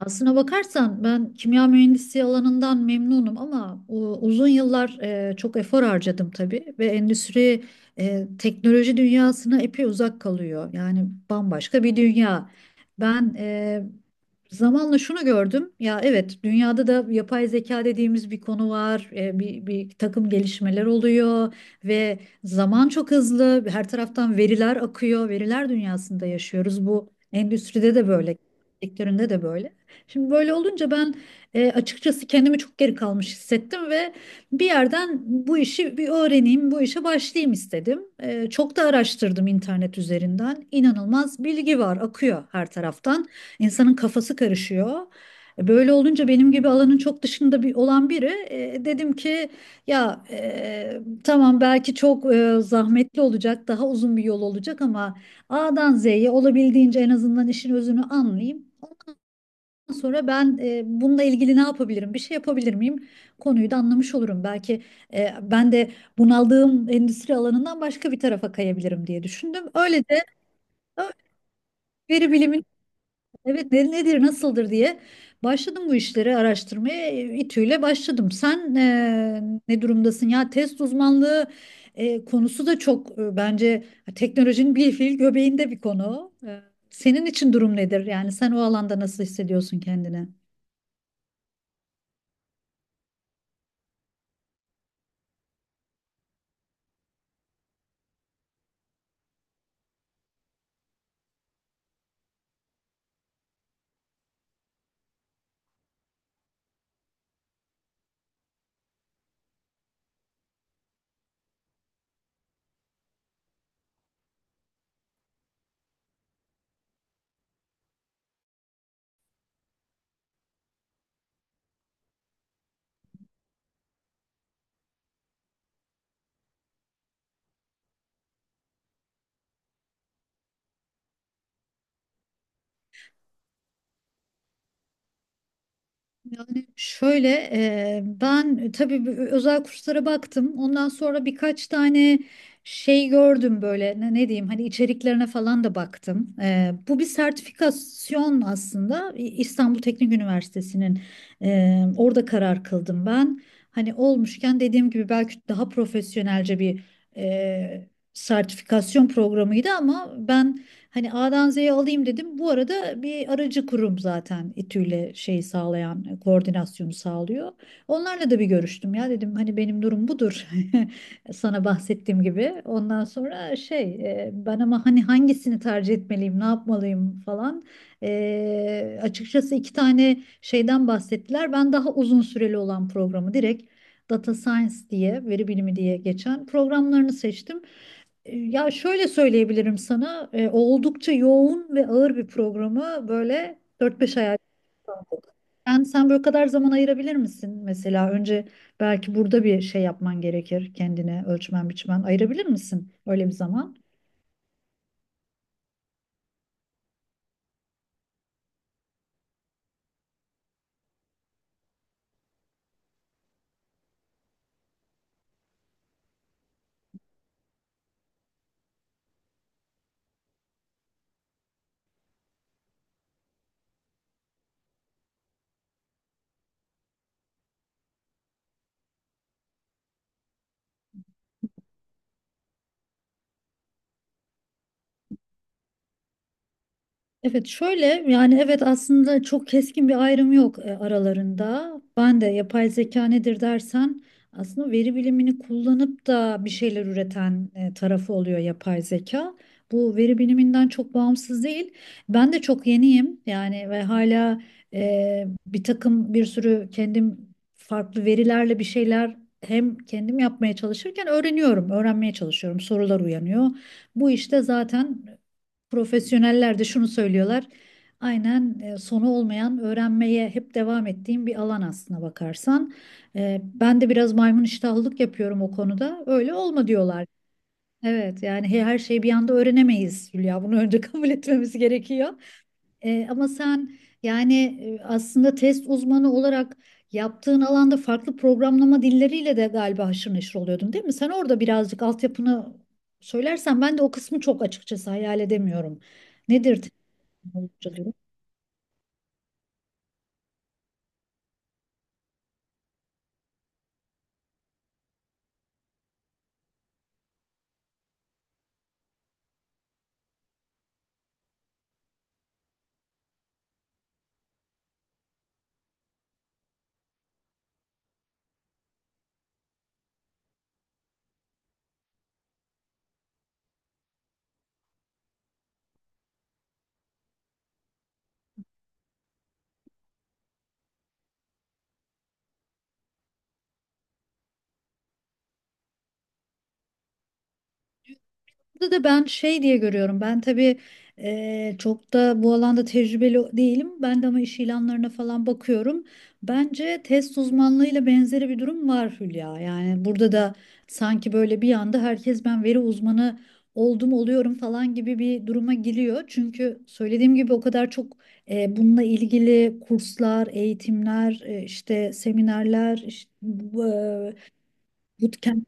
Aslına bakarsan ben kimya mühendisliği alanından memnunum ama uzun yıllar çok efor harcadım tabii ve endüstri teknoloji dünyasına epey uzak kalıyor. Yani bambaşka bir dünya. Ben e, Zamanla şunu gördüm. Ya evet dünyada da yapay zeka dediğimiz bir konu var. Bir takım gelişmeler oluyor ve zaman çok hızlı. Her taraftan veriler akıyor. Veriler dünyasında yaşıyoruz. Bu endüstride de böyle, sektöründe de böyle. Şimdi böyle olunca açıkçası kendimi çok geri kalmış hissettim ve bir yerden bu işi bir öğreneyim, bu işe başlayayım istedim. Çok da araştırdım internet üzerinden. İnanılmaz bilgi var, akıyor her taraftan. İnsanın kafası karışıyor. Böyle olunca benim gibi alanın çok dışında bir olan biri dedim ki ya tamam belki çok zahmetli olacak, daha uzun bir yol olacak ama A'dan Z'ye olabildiğince en azından işin özünü anlayayım, sonra ben bununla ilgili ne yapabilirim, bir şey yapabilir miyim konuyu da anlamış olurum. Belki ben de bunaldığım endüstri alanından başka bir tarafa kayabilirim diye düşündüm. Öyle de ö- veri bilimin evet nedir, nasıldır diye başladım bu işleri araştırmaya. İTÜ'yle başladım. Sen ne durumdasın ya? Test uzmanlığı konusu da çok bence teknolojinin bir fiil göbeğinde bir konu. Senin için durum nedir? Yani sen o alanda nasıl hissediyorsun kendini? Şöyle ben tabii bu özel kurslara baktım. Ondan sonra birkaç tane şey gördüm böyle ne diyeyim hani içeriklerine falan da baktım. Bu bir sertifikasyon aslında İstanbul Teknik Üniversitesi'nin, orada karar kıldım ben. Hani olmuşken dediğim gibi belki daha profesyonelce bir e, sertifikasyon programıydı ama ben hani A'dan Z'ye alayım dedim. Bu arada bir aracı kurum zaten İTÜ'yle şey sağlayan, koordinasyonu sağlıyor. Onlarla da bir görüştüm ya dedim hani benim durum budur. Sana bahsettiğim gibi. Ondan sonra ben ama hani hangisini tercih etmeliyim, ne yapmalıyım falan. Açıkçası iki tane şeyden bahsettiler. Ben daha uzun süreli olan programı direkt Data Science diye, veri bilimi diye geçen programlarını seçtim. Ya şöyle söyleyebilirim sana, oldukça yoğun ve ağır bir programı böyle dört beş ay ayırdık. Sen böyle kadar zaman ayırabilir misin? Mesela önce belki burada bir şey yapman gerekir kendine, ölçmen biçmen, ayırabilir misin öyle bir zaman? Evet şöyle yani evet aslında çok keskin bir ayrım yok aralarında. Ben de yapay zeka nedir dersen aslında veri bilimini kullanıp da bir şeyler üreten tarafı oluyor yapay zeka. Bu veri biliminden çok bağımsız değil. Ben de çok yeniyim yani ve hala bir takım bir sürü kendim farklı verilerle bir şeyler hem kendim yapmaya çalışırken öğreniyorum, öğrenmeye çalışıyorum. Sorular uyanıyor. Bu işte zaten profesyoneller de şunu söylüyorlar. Aynen, sonu olmayan öğrenmeye hep devam ettiğim bir alan aslına bakarsan. Ben de biraz maymun iştahlılık yapıyorum o konuda. Öyle olma diyorlar. Evet yani her şeyi bir anda öğrenemeyiz Hülya. Bunu önce kabul etmemiz gerekiyor. Ama sen yani aslında test uzmanı olarak yaptığın alanda farklı programlama dilleriyle de galiba haşır neşir oluyordun, değil mi? Sen orada birazcık altyapını söylersen, ben de o kısmı çok açıkçası hayal edemiyorum. Nedir test uzmanı? Burada da ben şey diye görüyorum. Ben tabii çok da bu alanda tecrübeli değilim. Ben de ama iş ilanlarına falan bakıyorum. Bence test uzmanlığıyla benzeri bir durum var Hülya. Yani burada da sanki böyle bir anda herkes ben veri uzmanı oldum oluyorum falan gibi bir duruma giriyor. Çünkü söylediğim gibi o kadar çok bununla ilgili kurslar, eğitimler, işte seminerler, işte, bootcamp'ler.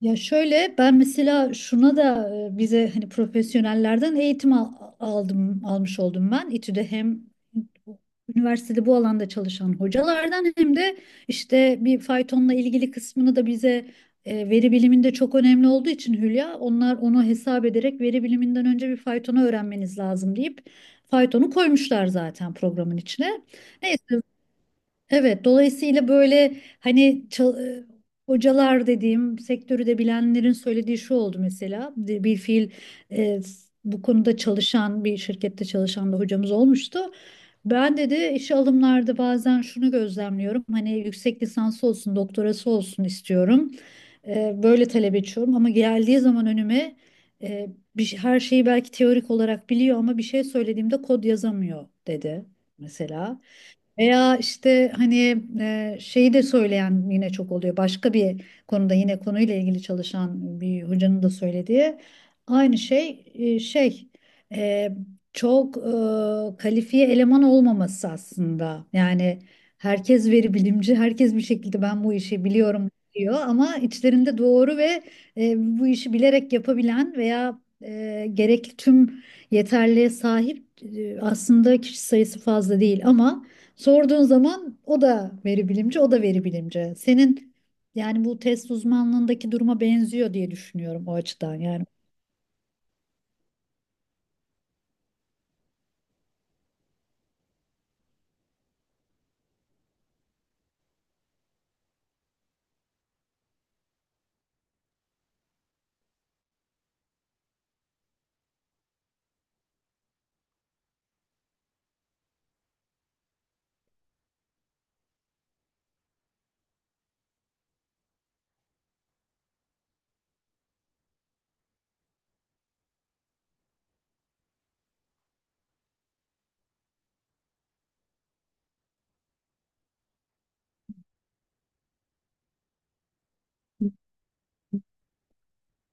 Ya şöyle ben mesela şuna da bize hani profesyonellerden aldım, almış oldum ben. İTÜ'de hem üniversitede bu alanda çalışan hocalardan hem de işte bir faytonla ilgili kısmını da bize, veri biliminde çok önemli olduğu için Hülya, onlar onu hesap ederek veri biliminden önce bir faytonu öğrenmeniz lazım deyip faytonu koymuşlar zaten programın içine. Evet, dolayısıyla böyle hani hocalar dediğim sektörü de bilenlerin söylediği şu oldu mesela: bir bir fiil bu konuda çalışan bir şirkette çalışan bir hocamız olmuştu. Ben dedi işe alımlarda bazen şunu gözlemliyorum, hani yüksek lisansı olsun doktorası olsun istiyorum, böyle talep ediyorum ama geldiği zaman önüme e, her şeyi belki teorik olarak biliyor ama bir şey söylediğimde kod yazamıyor dedi mesela. Veya işte hani şeyi de söyleyen yine çok oluyor. Başka bir konuda yine konuyla ilgili çalışan bir hocanın da söylediği aynı şey, e, kalifiye eleman olmaması aslında. Yani herkes veri bilimci, herkes bir şekilde ben bu işi biliyorum diyor ama içlerinde doğru ve e, bu işi bilerek yapabilen veya gerekli tüm yeterliğe sahip aslında kişi sayısı fazla değil ama sorduğun zaman o da veri bilimci, o da veri bilimci. Senin yani bu test uzmanlığındaki duruma benziyor diye düşünüyorum o açıdan. Yani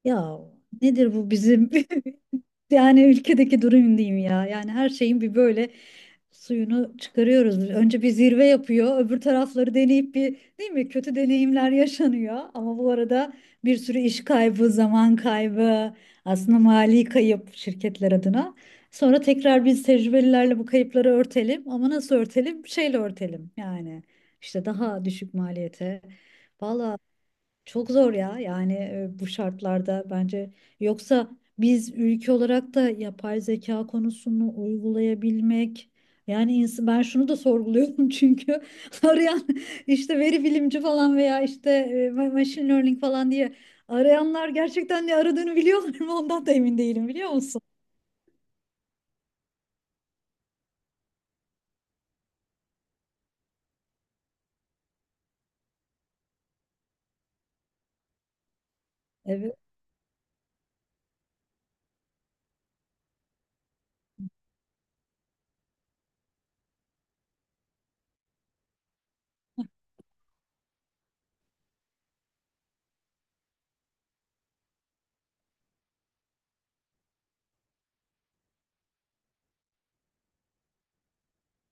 ya nedir bu bizim yani ülkedeki durum diyeyim ya. Yani her şeyin bir böyle suyunu çıkarıyoruz. Önce bir zirve yapıyor. Öbür tarafları deneyip bir, değil mi? Kötü deneyimler yaşanıyor. Ama bu arada bir sürü iş kaybı, zaman kaybı, aslında mali kayıp şirketler adına. Sonra tekrar biz tecrübelilerle bu kayıpları örtelim. Ama nasıl örtelim? Şeyle örtelim yani. İşte daha düşük maliyete. Valla çok zor ya yani bu şartlarda bence, yoksa biz ülke olarak da yapay zeka konusunu uygulayabilmek yani ben şunu da sorguluyorum çünkü arayan işte veri bilimci falan veya işte machine learning falan diye arayanlar gerçekten ne aradığını biliyorlar mı ondan da emin değilim, biliyor musun? Evet.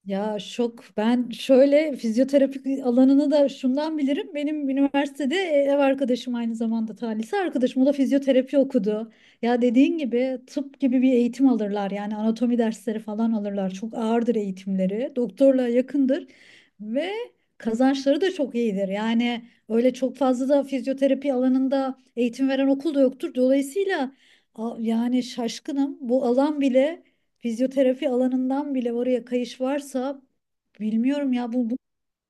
Ya şok. Ben şöyle fizyoterapi alanını da şundan bilirim. Benim üniversitede ev arkadaşım, aynı zamanda talihsiz arkadaşım, o da fizyoterapi okudu. Ya dediğin gibi tıp gibi bir eğitim alırlar. Yani anatomi dersleri falan alırlar. Çok ağırdır eğitimleri. Doktorla yakındır. Ve kazançları da çok iyidir. Yani öyle çok fazla da fizyoterapi alanında eğitim veren okul da yoktur. Dolayısıyla yani şaşkınım. Bu alan bile, fizyoterapi alanından bile oraya kayış varsa bilmiyorum ya, bu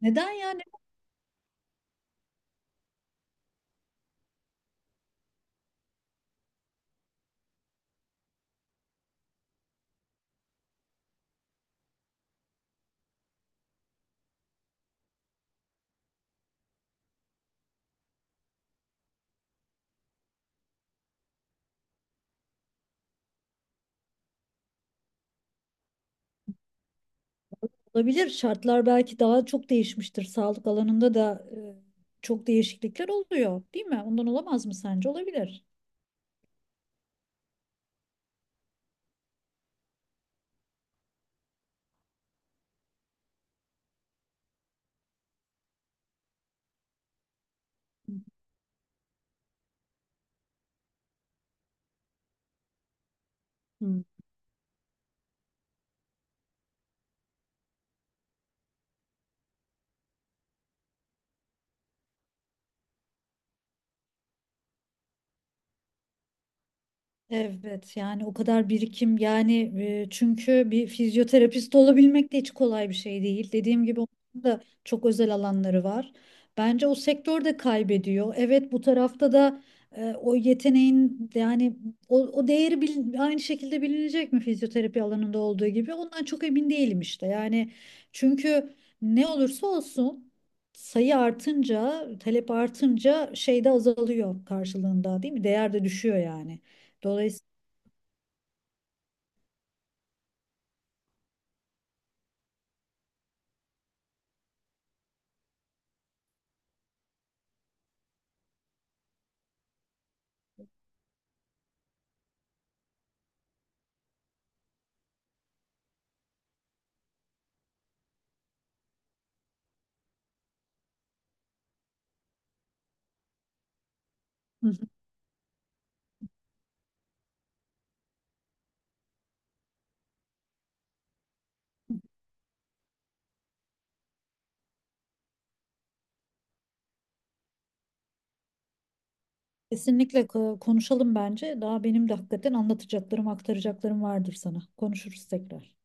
neden yani olabilir? Şartlar belki daha çok değişmiştir. Sağlık alanında da çok değişiklikler oluyor, değil mi? Ondan olamaz mı sence? Olabilir. Hı. Evet yani o kadar birikim yani, çünkü bir fizyoterapist olabilmek de hiç kolay bir şey değil. Dediğim gibi onun da çok özel alanları var. Bence o sektör de kaybediyor. Evet bu tarafta da o yeteneğin yani o değeri aynı şekilde bilinecek mi fizyoterapi alanında olduğu gibi ondan çok emin değilim işte. Yani çünkü ne olursa olsun, sayı artınca talep artınca şey de azalıyor karşılığında, değil mi? Değer de düşüyor yani. Dolayısıyla hı hı, konuşalım bence. Daha benim de hakikaten anlatacaklarım, aktaracaklarım vardır sana. Konuşuruz tekrar.